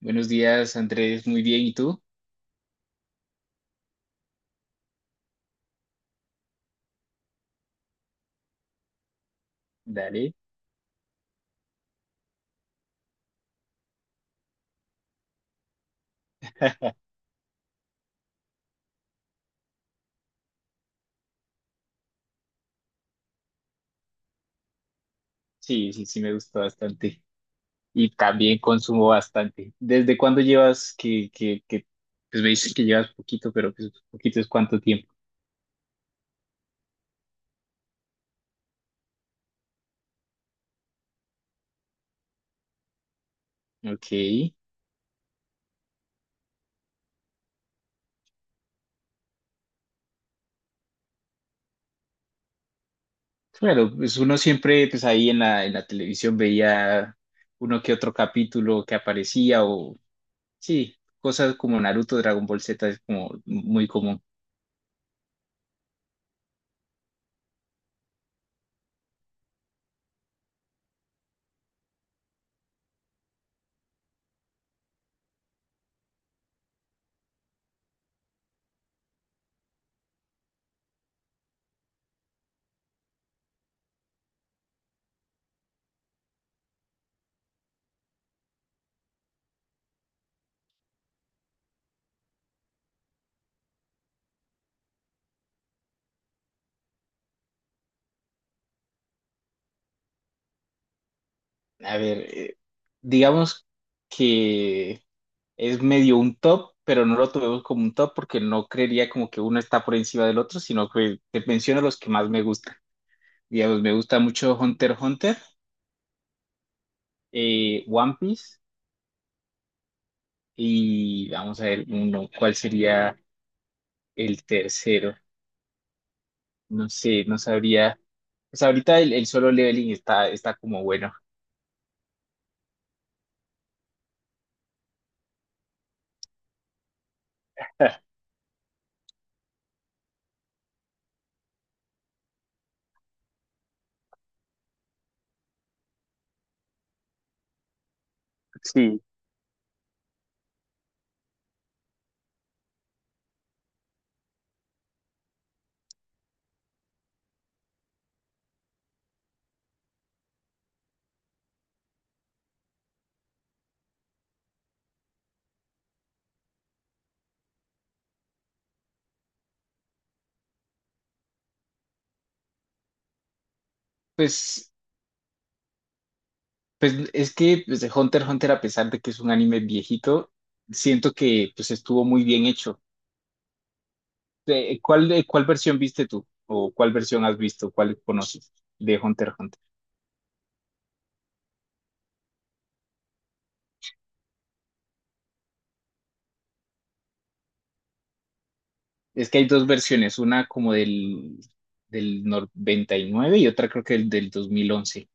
Buenos días, Andrés. Muy bien. ¿Y tú? Dale. Sí, me gustó bastante. Y también consumo bastante. ¿Desde cuándo llevas pues me dices que llevas poquito, pero pues poquito es cuánto tiempo? Ok. Claro, pues uno siempre, pues ahí en la televisión veía uno que otro capítulo que aparecía o, sí, cosas como Naruto, Dragon Ball Z es como muy común. A ver, digamos que... es medio un top, pero no lo tomemos como un top porque no creería como que uno está por encima del otro, sino que te menciono los que más me gustan. Digamos, me gusta mucho Hunter x Hunter, One Piece y vamos a ver uno, ¿cuál sería el tercero? No sé, no sabría. Pues ahorita el solo leveling está como bueno. Sí. Pues, pues es que pues, Hunter x Hunter, a pesar de que es un anime viejito, siento que pues estuvo muy bien hecho. ¿Cuál, cuál versión viste tú? ¿O cuál versión has visto? ¿Cuál conoces de Hunter x Hunter? Es que hay dos versiones, una como del 99 y nueve y otra creo que el del 2011.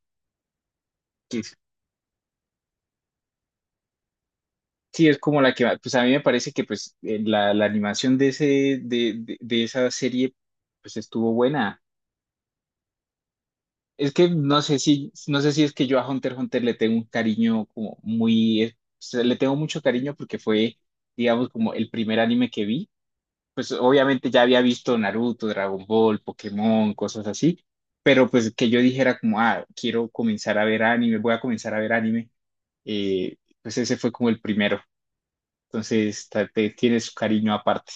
que es- sí, es como la que, pues a mí me parece que pues la animación de, ese, de esa serie pues estuvo buena. Es que no sé si, no sé si es que yo a Hunter x Hunter le tengo un cariño como muy, o sea, le tengo mucho cariño porque fue, digamos, como el primer anime que vi, pues obviamente ya había visto Naruto, Dragon Ball, Pokémon, cosas así, pero pues que yo dijera como, ah, quiero comenzar a ver anime, voy a comenzar a ver anime, eh, pues ese fue como el primero. Entonces tiene su cariño aparte.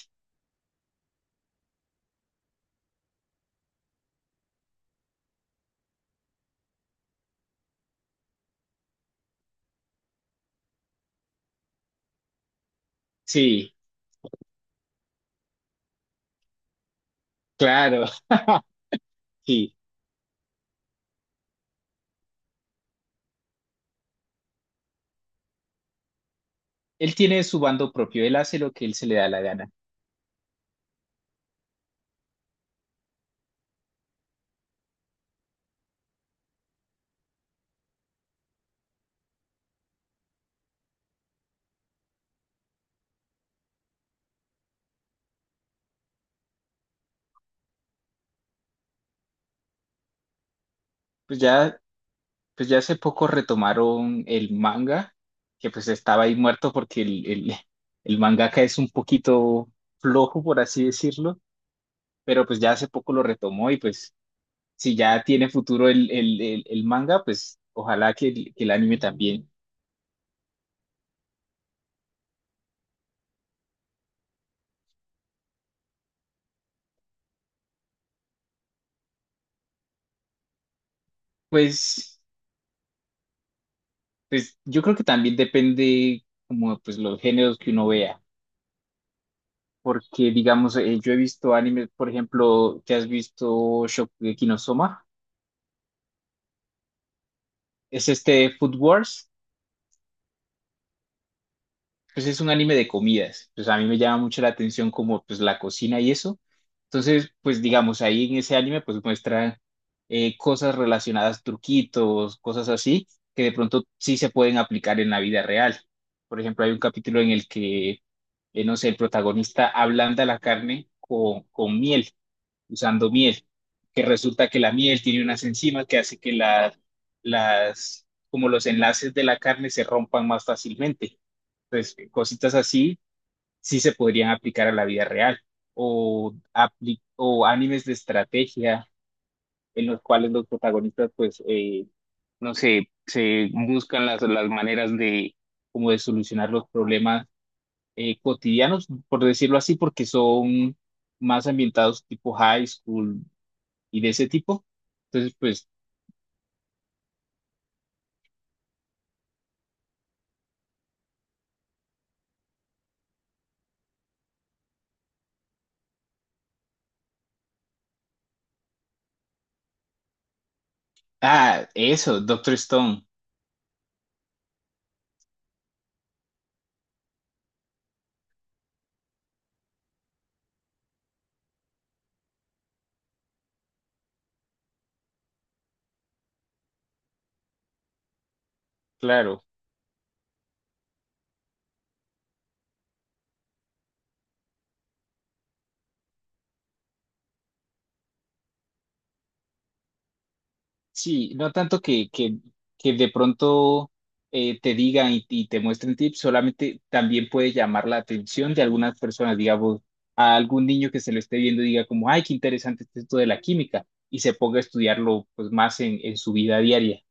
Sí, claro. Sí. Él tiene su bando propio, él hace lo que él se le da la gana. Pues ya, pues ya hace poco retomaron el manga, que pues estaba ahí muerto porque el mangaka es un poquito flojo, por así decirlo, pero pues ya hace poco lo retomó y pues si ya tiene futuro el manga, pues ojalá que, el anime también. Pues, pues yo creo que también depende como pues los géneros que uno vea, porque digamos, yo he visto animes, por ejemplo, ¿te has visto Shokugeki no Soma? Es este Food Wars. Pues es un anime de comidas, pues a mí me llama mucho la atención como pues la cocina y eso. Entonces, pues digamos, ahí en ese anime pues muestra cosas relacionadas, truquitos, cosas así, que de pronto sí se pueden aplicar en la vida real. Por ejemplo, hay un capítulo en el que, no sé, el protagonista ablanda la carne con miel usando miel, que resulta que la miel tiene unas enzimas que hace que las, como los enlaces de la carne se rompan más fácilmente. Entonces, cositas así sí se podrían aplicar a la vida real o, o animes de estrategia en los cuales los protagonistas, pues, no sé, se buscan las maneras de, como de solucionar los problemas cotidianos, por decirlo así, porque son más ambientados tipo high school, y de ese tipo. Entonces, pues, ah, eso, Doctor Stone, claro. Sí, no tanto que de pronto te digan y te muestren tips, solamente también puede llamar la atención de algunas personas, digamos, a algún niño que se lo esté viendo y diga como, ay, qué interesante es esto de la química, y se ponga a estudiarlo pues más en su vida diaria.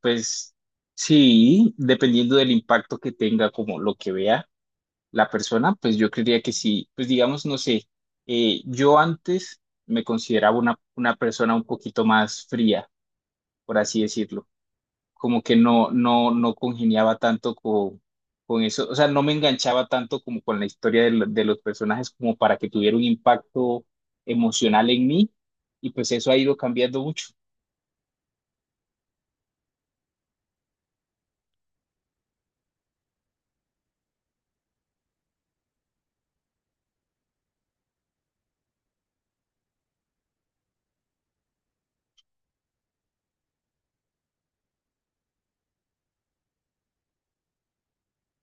Pues sí, dependiendo del impacto que tenga, como lo que vea la persona, pues yo creería que sí, pues digamos, no sé, yo antes me consideraba una persona un poquito más fría, por así decirlo, como que no congeniaba tanto con eso, o sea, no me enganchaba tanto como con la historia de, de los personajes como para que tuviera un impacto emocional en mí, y pues eso ha ido cambiando mucho.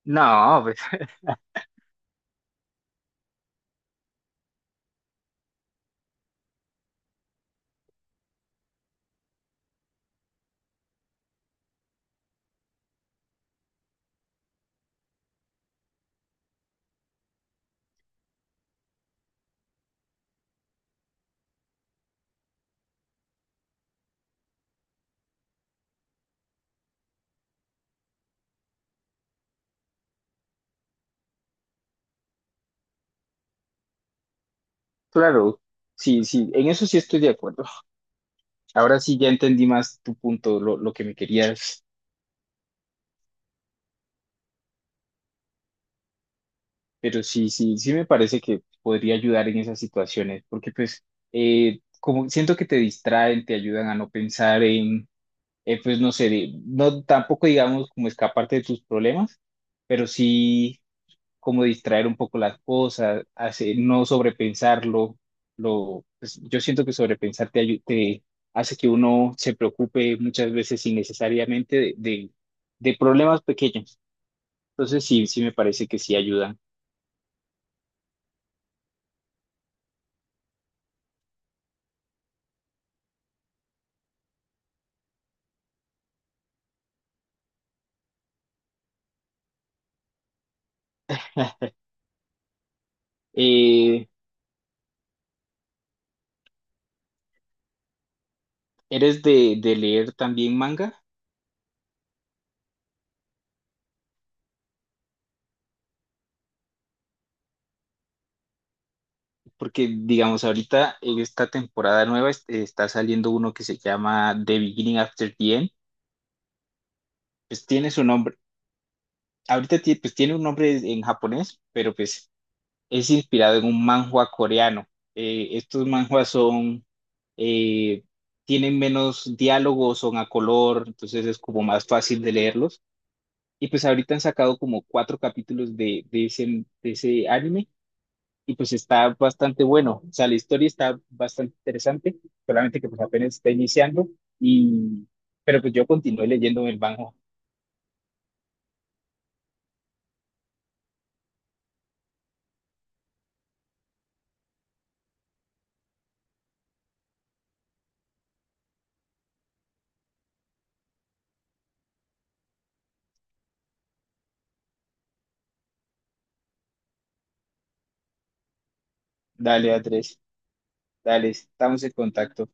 No, pues claro, sí, sí, en eso sí estoy de acuerdo. Ahora sí ya entendí más tu punto, lo que me querías. Pero sí, sí me parece que podría ayudar en esas situaciones, porque pues como siento que te distraen, te ayudan a no pensar en, pues no sé, no tampoco digamos como escaparte de tus problemas, pero sí como distraer un poco las cosas, hace, no sobrepensarlo, lo, pues, yo siento que sobrepensar te, te hace que uno se preocupe muchas veces innecesariamente de problemas pequeños. Entonces sí, sí me parece que sí ayudan. Eh, ¿Eres de leer también manga? Porque, digamos, ahorita en esta temporada nueva está saliendo uno que se llama The Beginning After the End. Pues tiene su nombre, ahorita pues tiene un nombre en japonés, pero pues es inspirado en un manhwa coreano. Estos manhwas son, eh, tienen menos diálogos, son a color, entonces es como más fácil de leerlos. Y pues ahorita han sacado como cuatro capítulos de, de ese anime y pues está bastante bueno. O sea, la historia está bastante interesante, solamente que pues apenas está iniciando y pero pues yo continué leyendo el banjo. Dale, Andrés, dale, estamos en contacto.